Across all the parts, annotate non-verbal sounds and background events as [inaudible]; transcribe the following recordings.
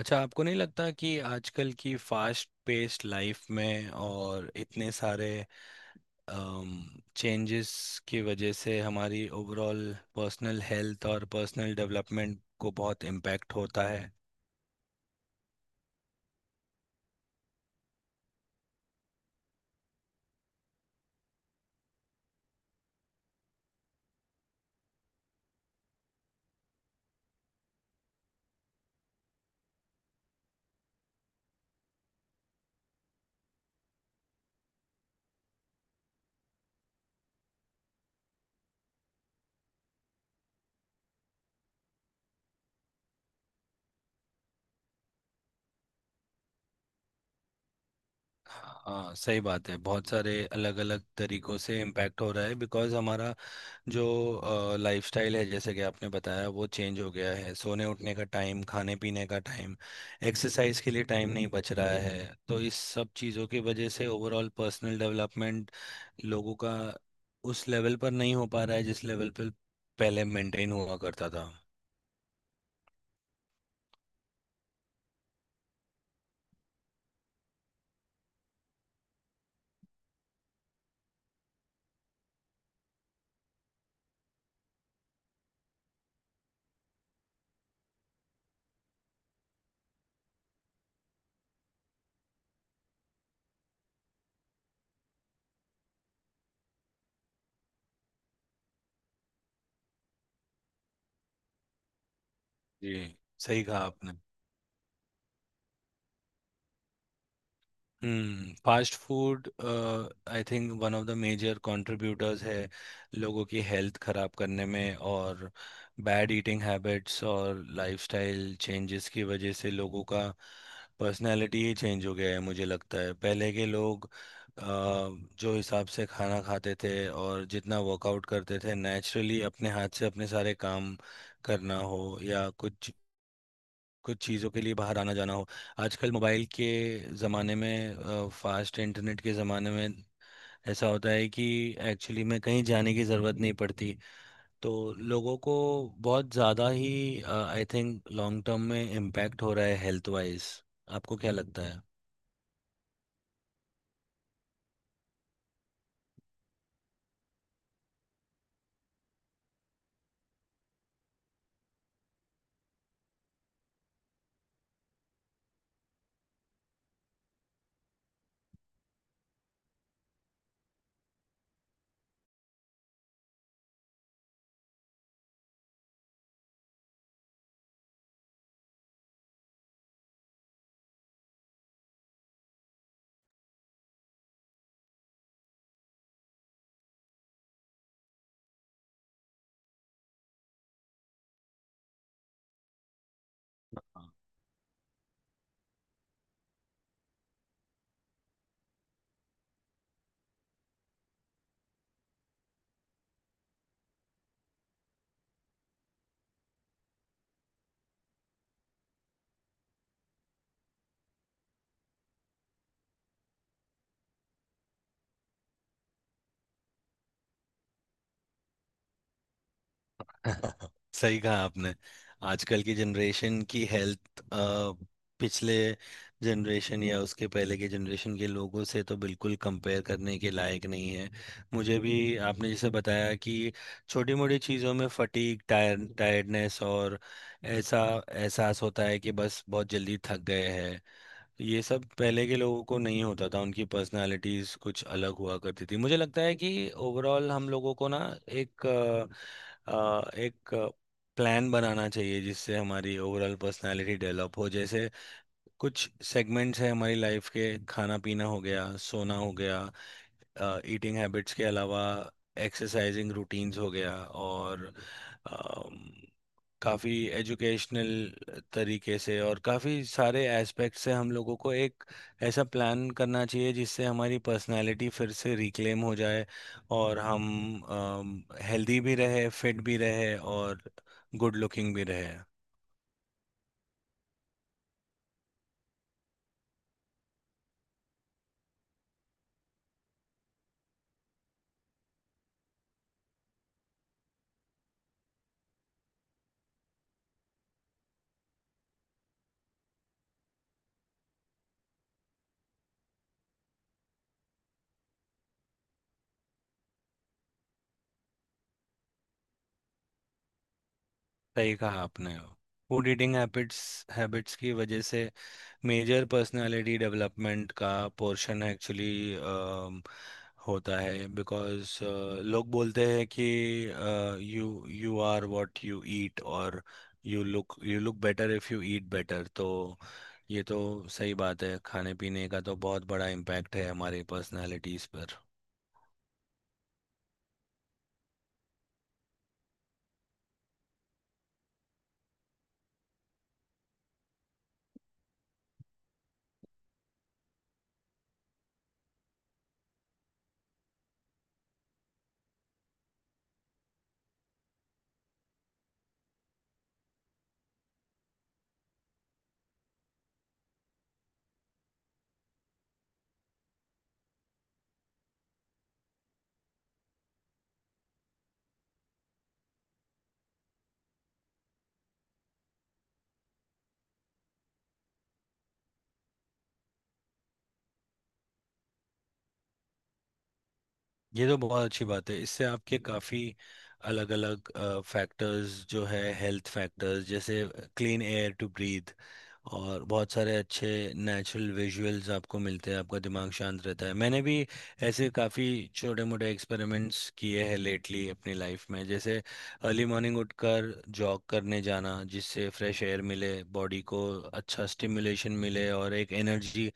अच्छा, आपको नहीं लगता कि आजकल की फास्ट पेस्ड लाइफ में और इतने सारे चेंजेस की वजह से हमारी ओवरऑल पर्सनल हेल्थ और पर्सनल डेवलपमेंट को बहुत इम्पैक्ट होता है। हाँ, सही बात है। बहुत सारे अलग अलग तरीकों से इम्पैक्ट हो रहा है बिकॉज़ हमारा जो लाइफस्टाइल है जैसे कि आपने बताया वो चेंज हो गया है। सोने उठने का टाइम, खाने पीने का टाइम, एक्सरसाइज के लिए टाइम नहीं बच रहा है। तो इस सब चीज़ों की वजह से ओवरऑल पर्सनल डेवलपमेंट लोगों का उस लेवल पर नहीं हो पा रहा है जिस लेवल पर पहले मेंटेन हुआ करता था। जी, सही कहा आपने। Fast food I think one of the major contributors है लोगों की हेल्थ खराब करने में। और बैड ईटिंग हैबिट्स और लाइफस्टाइल चेंजेस की वजह से लोगों का पर्सनालिटी ही चेंज हो गया है। मुझे लगता है पहले के लोग अ, जो हिसाब से खाना खाते थे और जितना वर्कआउट करते थे नेचुरली अपने हाथ से अपने सारे काम करना हो या कुछ कुछ चीज़ों के लिए बाहर आना जाना हो। आजकल मोबाइल के ज़माने में, फास्ट इंटरनेट के ज़माने में ऐसा होता है कि एक्चुअली में कहीं जाने की ज़रूरत नहीं पड़ती। तो लोगों को बहुत ज़्यादा ही आई थिंक लॉन्ग टर्म में इम्पैक्ट हो रहा है हेल्थ वाइज। आपको क्या लगता है? [laughs] सही कहा आपने। आजकल की जनरेशन की हेल्थ पिछले जनरेशन या उसके पहले के जनरेशन के लोगों से तो बिल्कुल कंपेयर करने के लायक नहीं है। मुझे भी, आपने जैसे बताया कि छोटी मोटी चीज़ों में फटीग, टायर्डनेस, और ऐसा एहसास होता है कि बस बहुत जल्दी थक गए हैं। ये सब पहले के लोगों को नहीं होता था। उनकी पर्सनालिटीज कुछ अलग हुआ करती थी। मुझे लगता है कि ओवरऑल हम लोगों को ना एक प्लान बनाना चाहिए जिससे हमारी ओवरऑल पर्सनालिटी डेवलप हो। जैसे कुछ सेगमेंट्स हैं हमारी लाइफ के। खाना पीना हो गया, सोना हो गया, ईटिंग हैबिट्स के अलावा एक्सरसाइजिंग रूटीन्स हो गया। और काफ़ी एजुकेशनल तरीके से और काफ़ी सारे एस्पेक्ट से हम लोगों को एक ऐसा प्लान करना चाहिए जिससे हमारी पर्सनालिटी फिर से रिक्लेम हो जाए और हम हेल्दी भी रहे, फिट भी रहे, और गुड लुकिंग भी रहे। सही कहा आपने। फूड ईटिंग हैबिट्स हैबिट्स की वजह से मेजर पर्सनालिटी डेवलपमेंट का पोर्शन एक्चुअली होता है बिकॉज लोग बोलते हैं कि you you are what you eat. और you look better if you eat better. तो ये तो सही बात है। खाने पीने का तो बहुत बड़ा इम्पैक्ट है हमारी पर्सनालिटीज़ पर। ये तो बहुत अच्छी बात है। इससे आपके काफ़ी अलग अलग फैक्टर्स जो है, हेल्थ फैक्टर्स, जैसे क्लीन एयर टू ब्रीथ और बहुत सारे अच्छे नेचुरल विजुअल्स आपको मिलते हैं, आपका दिमाग शांत रहता है। मैंने भी ऐसे काफ़ी छोटे मोटे एक्सपेरिमेंट्स किए हैं लेटली अपनी लाइफ में, जैसे अर्ली मॉर्निंग उठकर जॉग करने जाना, जिससे फ्रेश एयर मिले बॉडी को, अच्छा स्टिमुलेशन मिले और एक एनर्जी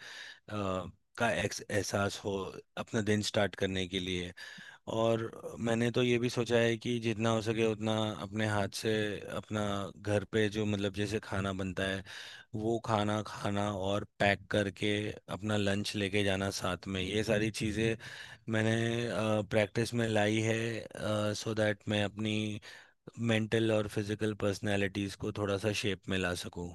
का एक्स एहसास हो अपना दिन स्टार्ट करने के लिए। और मैंने तो ये भी सोचा है कि जितना हो सके उतना अपने हाथ से अपना, घर पे जो मतलब जैसे खाना बनता है वो खाना खाना, और पैक करके अपना लंच लेके जाना साथ में। ये सारी चीज़ें मैंने प्रैक्टिस में लाई है सो दैट मैं अपनी मेंटल और फिजिकल पर्सनैलिटीज़ को थोड़ा सा शेप में ला सकूं।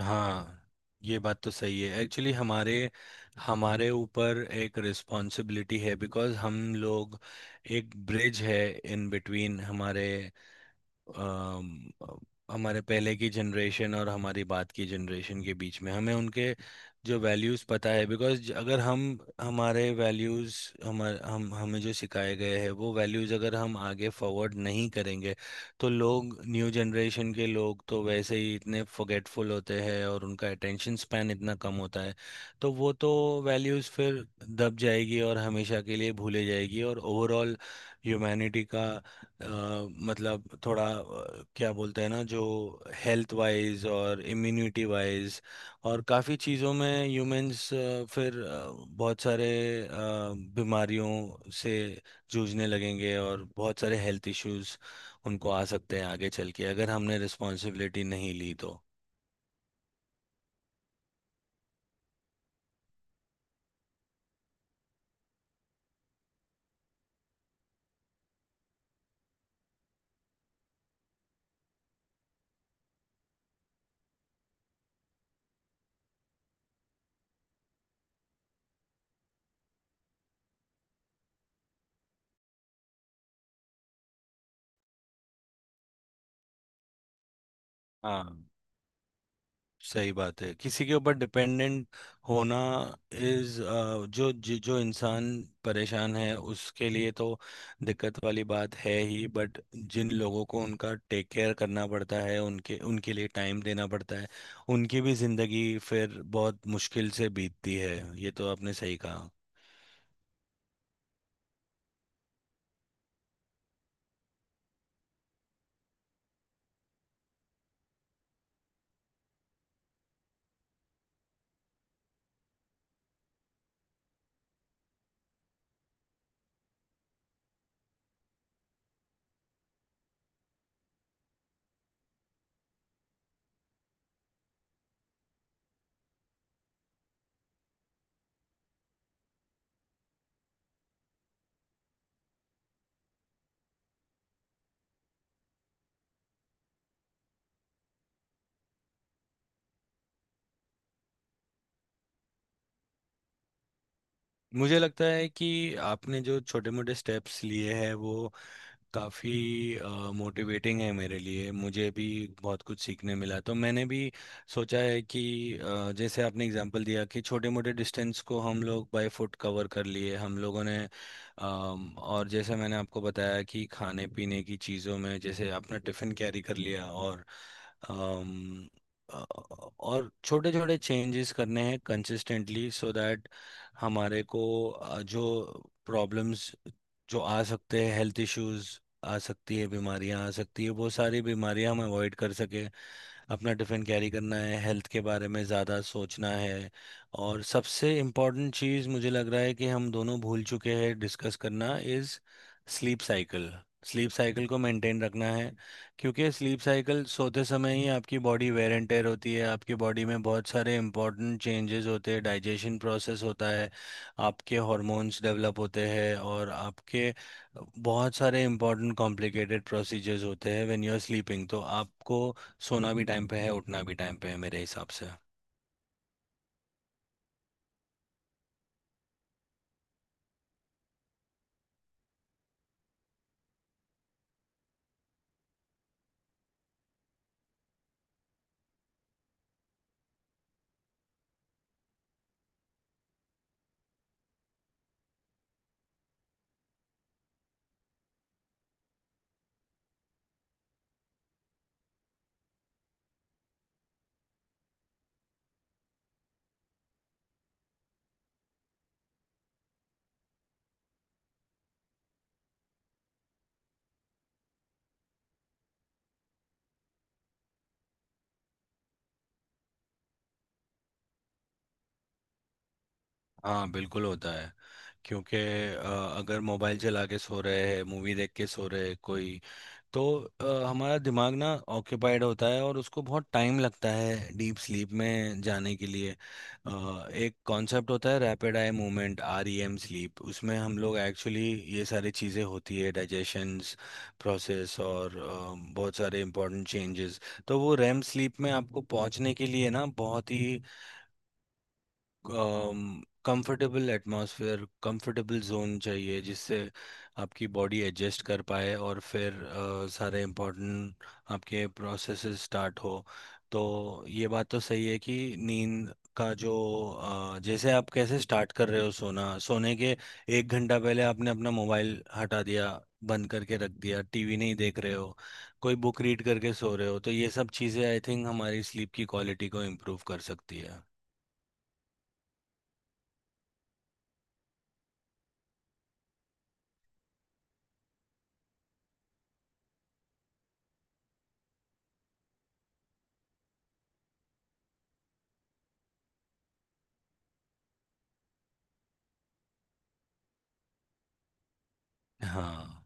हाँ, ये बात तो सही है। एक्चुअली हमारे हमारे ऊपर एक रिस्पॉन्सिबिलिटी है बिकॉज हम लोग एक ब्रिज है इन बिटवीन हमारे अम, हमारे पहले की जनरेशन और हमारी बात की जनरेशन के बीच में। हमें उनके जो वैल्यूज़ पता है बिकॉज अगर हम हमारे वैल्यूज़ हमारे हम हमें जो सिखाए गए हैं वो वैल्यूज़ अगर हम आगे फॉरवर्ड नहीं करेंगे तो लोग, न्यू जनरेशन के लोग तो वैसे ही इतने फॉरगेटफुल होते हैं और उनका अटेंशन स्पैन इतना कम होता है। तो वो तो वैल्यूज़ फिर दब जाएगी और हमेशा के लिए भूले जाएगी। और ओवरऑल ह्यूमैनिटी का अ, मतलब थोड़ा क्या बोलते हैं ना, जो हेल्थ वाइज और इम्यूनिटी वाइज और काफ़ी चीज़ों में ह्यूमंस फिर बहुत सारे अ, बीमारियों से जूझने लगेंगे, और बहुत सारे हेल्थ इश्यूज उनको आ सकते हैं आगे चल के अगर हमने रिस्पॉन्सिबिलिटी नहीं ली तो। हाँ, सही बात है। किसी के ऊपर डिपेंडेंट होना इज, जो जो जो इंसान परेशान है उसके लिए तो दिक्कत वाली बात है ही, बट जिन लोगों को उनका टेक केयर करना पड़ता है उनके उनके लिए टाइम देना पड़ता है, उनकी भी जिंदगी फिर बहुत मुश्किल से बीतती है। ये तो आपने सही कहा। मुझे लगता है कि आपने जो छोटे मोटे स्टेप्स लिए हैं वो काफ़ी मोटिवेटिंग है मेरे लिए। मुझे भी बहुत कुछ सीखने मिला। तो मैंने भी सोचा है कि जैसे आपने एग्जांपल दिया कि छोटे मोटे डिस्टेंस को हम लोग बाय फुट कवर कर लिए हम लोगों ने, और जैसे मैंने आपको बताया कि खाने पीने की चीज़ों में जैसे आपने टिफ़िन कैरी कर लिया, और अम, अ, और छोटे छोटे चेंजेस करने हैं कंसिस्टेंटली सो दैट हमारे को जो प्रॉब्लम्स जो आ सकते हैं, हेल्थ इश्यूज आ सकती है, बीमारियां आ सकती है, बहुत सारी बीमारियां हम अवॉइड कर सके। अपना टिफ़िन कैरी करना है, हेल्थ के बारे में ज़्यादा सोचना है। और सबसे इम्पोर्टेंट चीज़ मुझे लग रहा है कि हम दोनों भूल चुके हैं डिस्कस करना, is sleep cycle. Sleep cycle को मेंटेन रखना है, क्योंकि स्लीप साइकिल सोते समय ही आपकी बॉडी वेयर एंड टेयर होती है, आपकी बॉडी में बहुत सारे इंपॉर्टेंट चेंजेस होते हैं, डाइजेशन प्रोसेस होता है, आपके हॉर्मोन्स डेवलप होते हैं और आपके बहुत सारे इंपॉर्टेंट कॉम्प्लिकेटेड प्रोसीजर्स होते हैं व्हेन यू आर स्लीपिंग। तो आपको सोना भी टाइम पे है, उठना भी टाइम पे है, मेरे हिसाब से। हाँ, बिल्कुल होता है। क्योंकि अ, अगर मोबाइल चला के सो रहे हैं, मूवी देख के सो रहे हैं कोई, तो हमारा दिमाग ना ऑक्यूपाइड होता है और उसको बहुत टाइम लगता है डीप स्लीप में जाने के लिए। एक कॉन्सेप्ट होता है, rapid eye movement, REM sleep, उसमें हम लोग एक्चुअली ये सारी चीज़ें होती है, डाइजेशंस प्रोसेस और बहुत सारे इंपॉर्टेंट चेंजेस। तो वो रैम स्लीप में आपको पहुंचने के लिए ना बहुत ही कंफर्टेबल एटमॉस्फेयर, कंफर्टेबल जोन चाहिए जिससे आपकी बॉडी एडजस्ट कर पाए और फिर सारे इम्पोर्टेंट आपके प्रोसेसेस स्टार्ट हो। तो ये बात तो सही है कि नींद का जो जैसे आप कैसे स्टार्ट कर रहे हो सोना, सोने के 1 घंटा पहले आपने अपना मोबाइल हटा दिया, बंद करके रख दिया, टीवी नहीं देख रहे हो, कोई बुक रीड करके सो रहे हो, तो ये सब चीज़ें आई थिंक हमारी स्लीप की क्वालिटी को इम्प्रूव कर सकती है। हाँ।